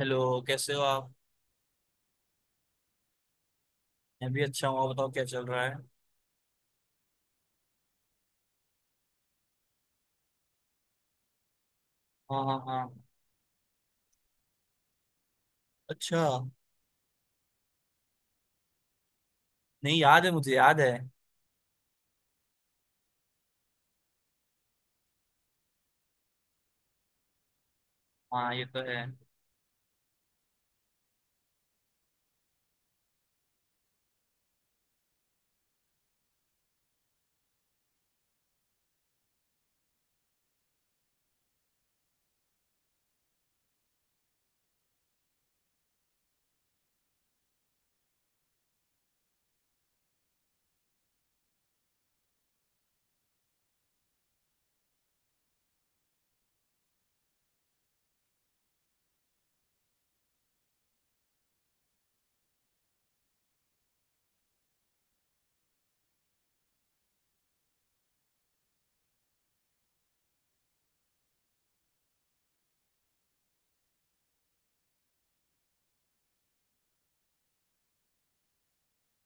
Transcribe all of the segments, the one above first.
Hello, कैसे हो आप? मैं भी अच्छा हूँ। आप बताओ क्या चल रहा है? हाँ हाँ हाँ। अच्छा। नहीं, याद है, मुझे याद है। हाँ, ये तो है।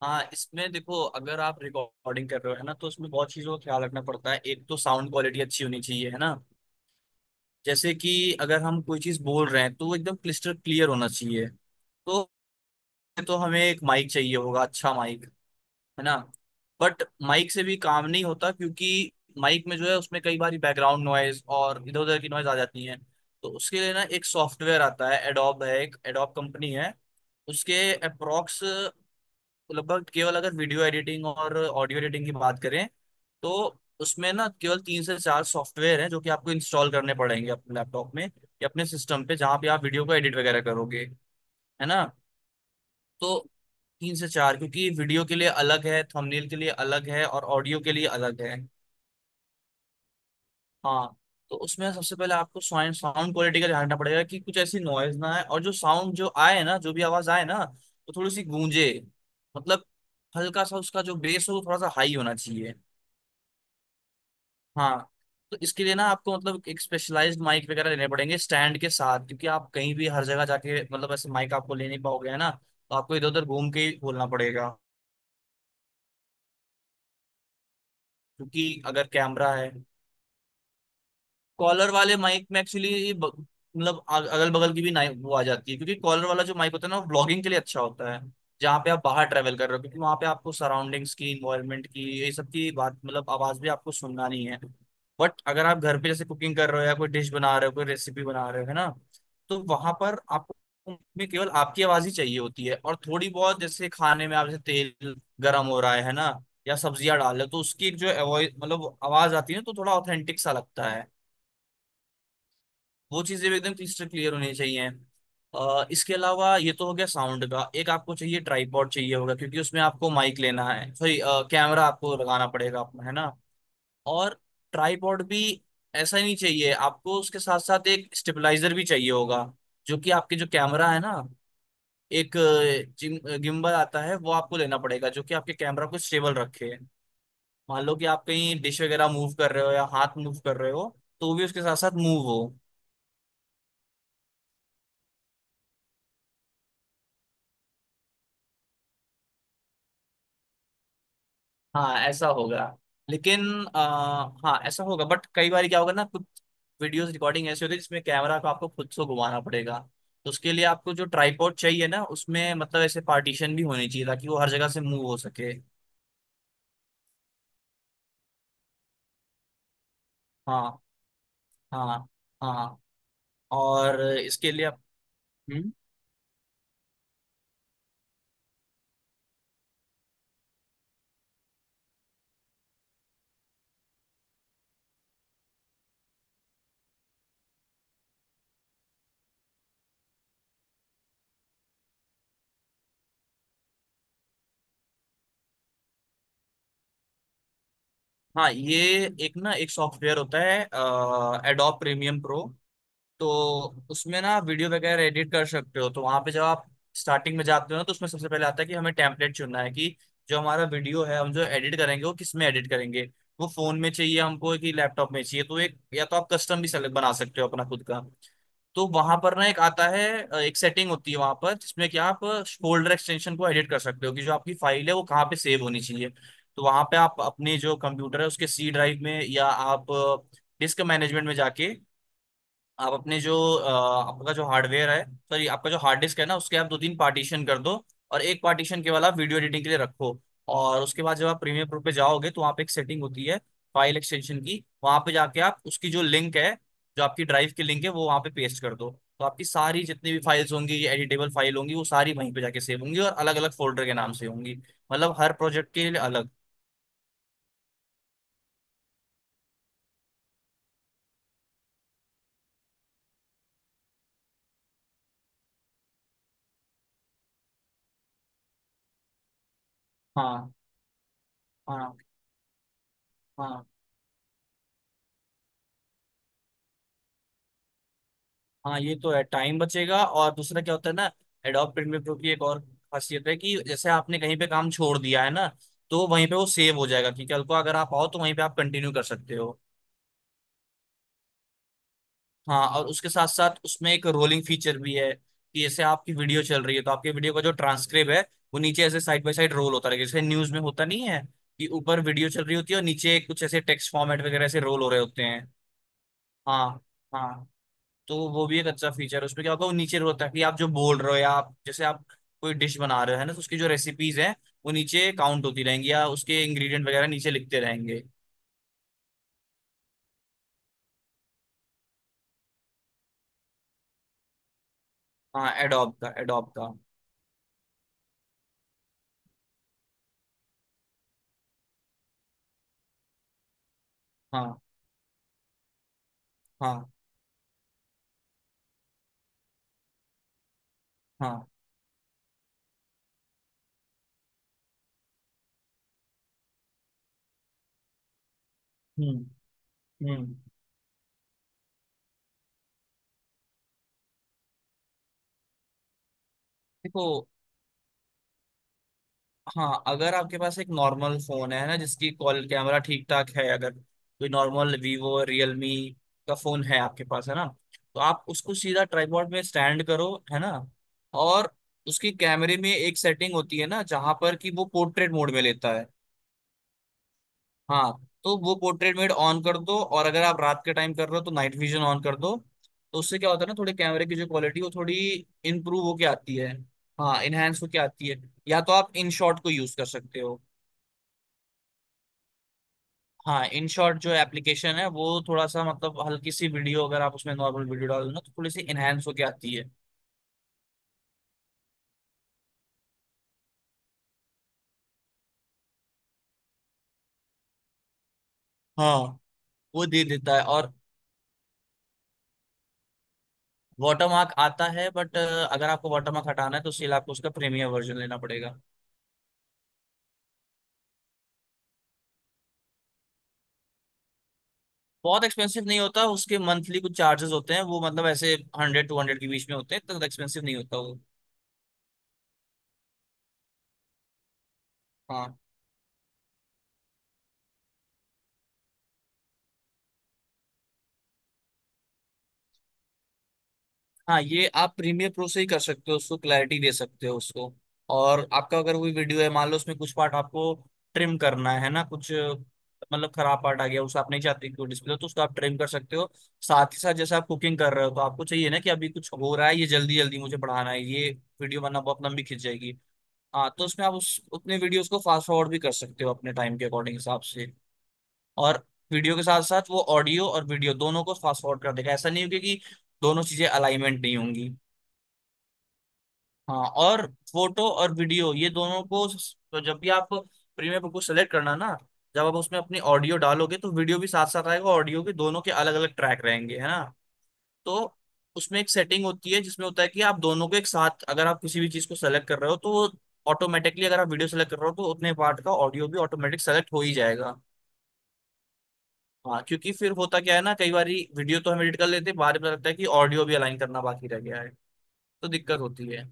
हाँ, इसमें देखो, अगर आप रिकॉर्डिंग कर रहे हो है ना, तो उसमें बहुत चीज़ों का ख्याल रखना पड़ता है। एक तो साउंड क्वालिटी अच्छी होनी चाहिए, है ना। जैसे कि अगर हम कोई चीज़ बोल रहे हैं तो वो एकदम क्लिस्टर क्लियर होना चाहिए। तो तो हमें एक माइक चाहिए होगा, अच्छा माइक, है ना। बट माइक से भी काम नहीं होता, क्योंकि माइक में जो है उसमें कई बार बैकग्राउंड नॉइज और इधर उधर की नॉइज आ जाती है। तो उसके लिए ना एक सॉफ्टवेयर आता है, एडोब है, एक एडोब कंपनी है। उसके अप्रोक्स, लगभग, केवल अगर वीडियो एडिटिंग और ऑडियो एडिटिंग की बात करें, तो उसमें ना केवल 3 से 4 सॉफ्टवेयर हैं जो कि आपको इंस्टॉल करने पड़ेंगे अपने लैपटॉप में या अपने सिस्टम पे जहाँ पे आप वीडियो को एडिट वगैरह करोगे, है ना। तो 3 से 4, क्योंकि वीडियो के लिए अलग है, थंबनेल के लिए अलग है, और ऑडियो के लिए अलग है। हाँ। तो उसमें सबसे पहले आपको साउंड साउंड क्वालिटी का ध्यान रखना पड़ेगा कि कुछ ऐसी नॉइज ना आए, और जो साउंड जो आए ना, जो भी आवाज आए ना, वो थोड़ी सी गूंजे। मतलब हल्का सा उसका जो बेस हो वो थोड़ा सा हाई होना चाहिए। हाँ। तो इसके लिए ना आपको मतलब एक स्पेशलाइज्ड माइक वगैरह लेने पड़ेंगे स्टैंड के साथ, क्योंकि आप कहीं भी हर जगह जाके मतलब ऐसे माइक आपको ले नहीं पाओगे, है ना। तो आपको इधर उधर घूम के ही बोलना पड़ेगा, क्योंकि अगर कैमरा है। कॉलर वाले माइक में एक्चुअली मतलब अगल बगल की भी नाइक वो आ जाती है, क्योंकि कॉलर वाला जो माइक होता है ना, वो व्लॉगिंग के लिए अच्छा होता है, जहाँ पे आप बाहर ट्रेवल कर रहे हो, क्योंकि वहाँ पे आपको सराउंडिंग्स की, इन्वायरमेंट की, ये सब की बात, मतलब आवाज भी आपको सुनना नहीं है। बट अगर आप घर पे जैसे कुकिंग कर रहे हो, या कोई डिश बना रहे हो, कोई रेसिपी बना रहे हो, है ना, तो वहां पर आपको में केवल आपकी आवाज ही चाहिए होती है, और थोड़ी बहुत जैसे खाने में आप जैसे तेल गर्म हो रहा है ना, या सब्जियां डाल रहे हो, तो उसकी एक जो वॉइस, मतलब आवाज आती है ना, तो थोड़ा ऑथेंटिक सा लगता है। वो चीजें भी एकदम क्रिस्टल क्लियर होनी चाहिए। इसके अलावा ये तो हो गया साउंड का। एक आपको चाहिए, ट्राइपॉड चाहिए होगा, क्योंकि उसमें आपको माइक लेना है, सॉरी, कैमरा आपको लगाना पड़ेगा अपना, है ना। और ट्राइपॉड भी ऐसा ही नहीं चाहिए आपको, उसके साथ साथ एक स्टेबलाइजर भी चाहिए होगा, जो कि आपके जो कैमरा है ना, एक गिम्बल आता है, वो आपको लेना पड़ेगा, जो कि आपके कैमरा को स्टेबल रखे। मान लो कि आप कहीं डिश वगैरह मूव कर रहे हो या हाथ मूव कर रहे हो, तो भी उसके साथ साथ मूव हो। हाँ ऐसा होगा। लेकिन आ, हाँ ऐसा होगा, बट कई बार क्या होगा ना, कुछ वीडियोस रिकॉर्डिंग ऐसी होती है जिसमें कैमरा को आपको खुद से घुमाना पड़ेगा। तो उसके लिए आपको जो ट्राइपॉड चाहिए ना, उसमें मतलब ऐसे पार्टीशन भी होनी चाहिए ताकि वो हर जगह से मूव हो सके। हाँ हाँ हाँ। और इसके लिए आप- हम्म। हाँ ये एक ना एक सॉफ्टवेयर होता है, एडोब प्रीमियम प्रो। तो उसमें ना वीडियो वगैरह एडिट कर सकते हो। तो वहां पे जब आप स्टार्टिंग में जाते हो ना, तो उसमें सबसे पहले आता है कि हमें टेम्पलेट चुनना है कि जो हमारा वीडियो है हम जो एडिट करेंगे वो किस में एडिट करेंगे, वो फोन में चाहिए हमको कि लैपटॉप में चाहिए। तो एक, या तो आप कस्टम भी सेलेक्ट बना सकते हो अपना खुद का। तो वहां पर ना एक आता है एक सेटिंग होती है वहां पर जिसमें कि आप फोल्डर एक्सटेंशन को एडिट कर सकते हो कि जो आपकी फाइल है वो कहाँ पे सेव होनी चाहिए। तो वहां पे आप अपने जो कंप्यूटर है उसके सी ड्राइव में, या आप डिस्क मैनेजमेंट में जाके आप अपने जो आपका जो हार्डवेयर है, सॉरी, आपका जो हार्ड डिस्क है ना, उसके आप 2-3 पार्टीशन कर दो, और एक पार्टीशन केवल आप वीडियो एडिटिंग के लिए रखो। और उसके बाद जब आप प्रीमियर प्रो पे जाओगे, तो वहाँ पे एक सेटिंग होती है फाइल एक्सटेंशन की। वहाँ पे जाके आप उसकी जो लिंक है, जो आपकी ड्राइव की लिंक है, वो वहाँ पे पेस्ट कर दो। तो आपकी सारी जितनी भी फाइल्स होंगी, ये एडिटेबल फाइल होंगी, वो सारी वहीं पे जाके सेव होंगी और अलग अलग फोल्डर के नाम से होंगी। मतलब हर प्रोजेक्ट के लिए अलग। हाँ हाँ। हाँ हाँ, ये तो है, टाइम बचेगा। और दूसरा क्या होता है ना, एडोब प्रीमियर प्रो की एक और खासियत है कि जैसे आपने कहीं पे काम छोड़ दिया है ना, तो वहीं पे वो सेव हो जाएगा कि कल को अगर आप आओ तो वहीं पे आप कंटिन्यू कर सकते हो। हाँ, और उसके साथ साथ उसमें एक रोलिंग फीचर भी है कि जैसे आपकी वीडियो चल रही है, तो आपकी वीडियो का जो ट्रांसक्रिप्ट है, वो नीचे ऐसे साइड बाय साइड रोल होता रहेगा, जैसे न्यूज में होता नहीं है कि ऊपर वीडियो चल रही होती है और नीचे कुछ ऐसे टेक्स्ट फॉर्मेट वगैरह से रोल हो रहे होते हैं। हाँ। हाँ। तो वो भी एक अच्छा फीचर है। उसमें क्या होगा, वो नीचे होता है कि आप जो बोल रहे हो, या आप जैसे आप कोई डिश बना रहे हो है ना, तो उसकी जो रेसिपीज हैं वो नीचे काउंट होती रहेंगी, या उसके इंग्रेडिएंट वगैरह नीचे लिखते रहेंगे। हाँ, एडोब का, एडोब का। हाँ हाँ हाँ। हम्म हम्म। देखो, हाँ, अगर आपके पास एक नॉर्मल फोन है ना जिसकी कॉल कैमरा ठीक ठाक है, अगर कोई नॉर्मल वीवो रियलमी का फोन है आपके पास, है ना, तो आप उसको सीधा ट्राइपॉड में स्टैंड करो, है ना। और उसकी कैमरे में एक सेटिंग होती है ना जहां पर कि वो पोर्ट्रेट मोड में लेता है। हाँ, तो वो पोर्ट्रेट मोड ऑन कर दो, और अगर आप रात के टाइम कर रहे हो तो नाइट विजन ऑन कर दो। तो उससे क्या होता है ना, थोड़ी कैमरे की जो क्वालिटी वो थोड़ी इम्प्रूव होके आती है। हाँ, इनहेंस होके आती है। या तो आप इन शॉट को यूज कर सकते हो। हाँ, इन शॉर्ट जो एप्लीकेशन है, वो थोड़ा सा मतलब हल्की सी वीडियो अगर आप उसमें नॉर्मल वीडियो डालो ना, तो थोड़ी सी इनहेंस होके आती है। हाँ, वो दे देता है, और वाटरमार्क आता है, बट अगर आपको वाटरमार्क हटाना है तो सिर्फ आपको उसका प्रीमियम वर्जन लेना पड़ेगा। बहुत एक्सपेंसिव नहीं होता, उसके मंथली कुछ चार्जेस होते हैं, वो मतलब ऐसे 100-200 के बीच में होते हैं, तो एक्सपेंसिव नहीं होता वो। हाँ। हाँ ये आप प्रीमियर प्रो से ही कर सकते हो, उसको क्लैरिटी दे सकते हो, उसको। और आपका अगर कोई वीडियो है, मान लो उसमें कुछ पार्ट आपको ट्रिम करना है ना, कुछ मतलब खराब पार्ट आ गया, उसे आप नहीं चाहते कि वो डिस्प्ले, तो उसको आप ट्रिम कर सकते हो। साथ ही साथ जैसे आप कुकिंग कर रहे हो, तो आपको चाहिए ना कि अभी कुछ हो रहा है, ये जल्दी जल्दी मुझे बढ़ाना है ये वीडियो, वरना बहुत लंबी खिंच जाएगी। हाँ, तो उसमें आप उस उतने वीडियोस को फास्ट फॉरवर्ड भी कर सकते हो अपने टाइम के अकॉर्डिंग हिसाब से। और वीडियो के साथ साथ वो ऑडियो और वीडियो दोनों को फास्ट फॉरवर्ड कर देगा, ऐसा नहीं होगा कि दोनों चीजें अलाइनमेंट नहीं होंगी। हाँ, और फोटो और वीडियो ये दोनों को स- तो जब भी आप प्रीमियम को सेलेक्ट करना ना, जब आप उसमें अपनी ऑडियो डालोगे तो वीडियो भी साथ साथ आएगा, ऑडियो के, दोनों के अलग अलग ट्रैक रहेंगे, है ना। तो उसमें एक सेटिंग होती है जिसमें होता है कि आप दोनों को एक साथ, अगर आप किसी भी चीज को सेलेक्ट कर रहे हो, तो ऑटोमेटिकली अगर आप वीडियो सेलेक्ट कर रहे हो तो उतने पार्ट का ऑडियो भी ऑटोमेटिक सेलेक्ट हो ही जाएगा। हाँ, क्योंकि फिर होता क्या है ना, कई बार वीडियो तो हम एडिट कर लेते हैं, बाद में पता लगता है कि ऑडियो भी अलाइन करना बाकी रह गया है, तो दिक्कत होती है।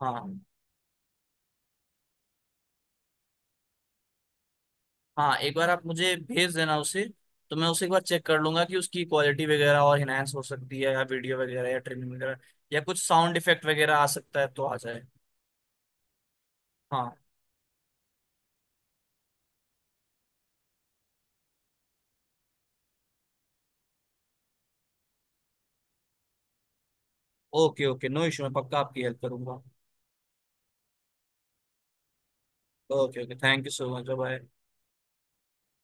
हाँ हाँ, एक बार आप मुझे भेज देना उसे, तो मैं उसे एक बार चेक कर लूंगा कि उसकी क्वालिटी वगैरह और इनहेंस हो सकती है, या वीडियो वगैरह, या ट्रिमिंग वगैरह, या कुछ साउंड इफेक्ट वगैरह आ सकता है तो आ जाए। हाँ। ओके ओके, नो इशू, मैं पक्का आपकी हेल्प करूंगा। Okay okay, thank you so much, bye.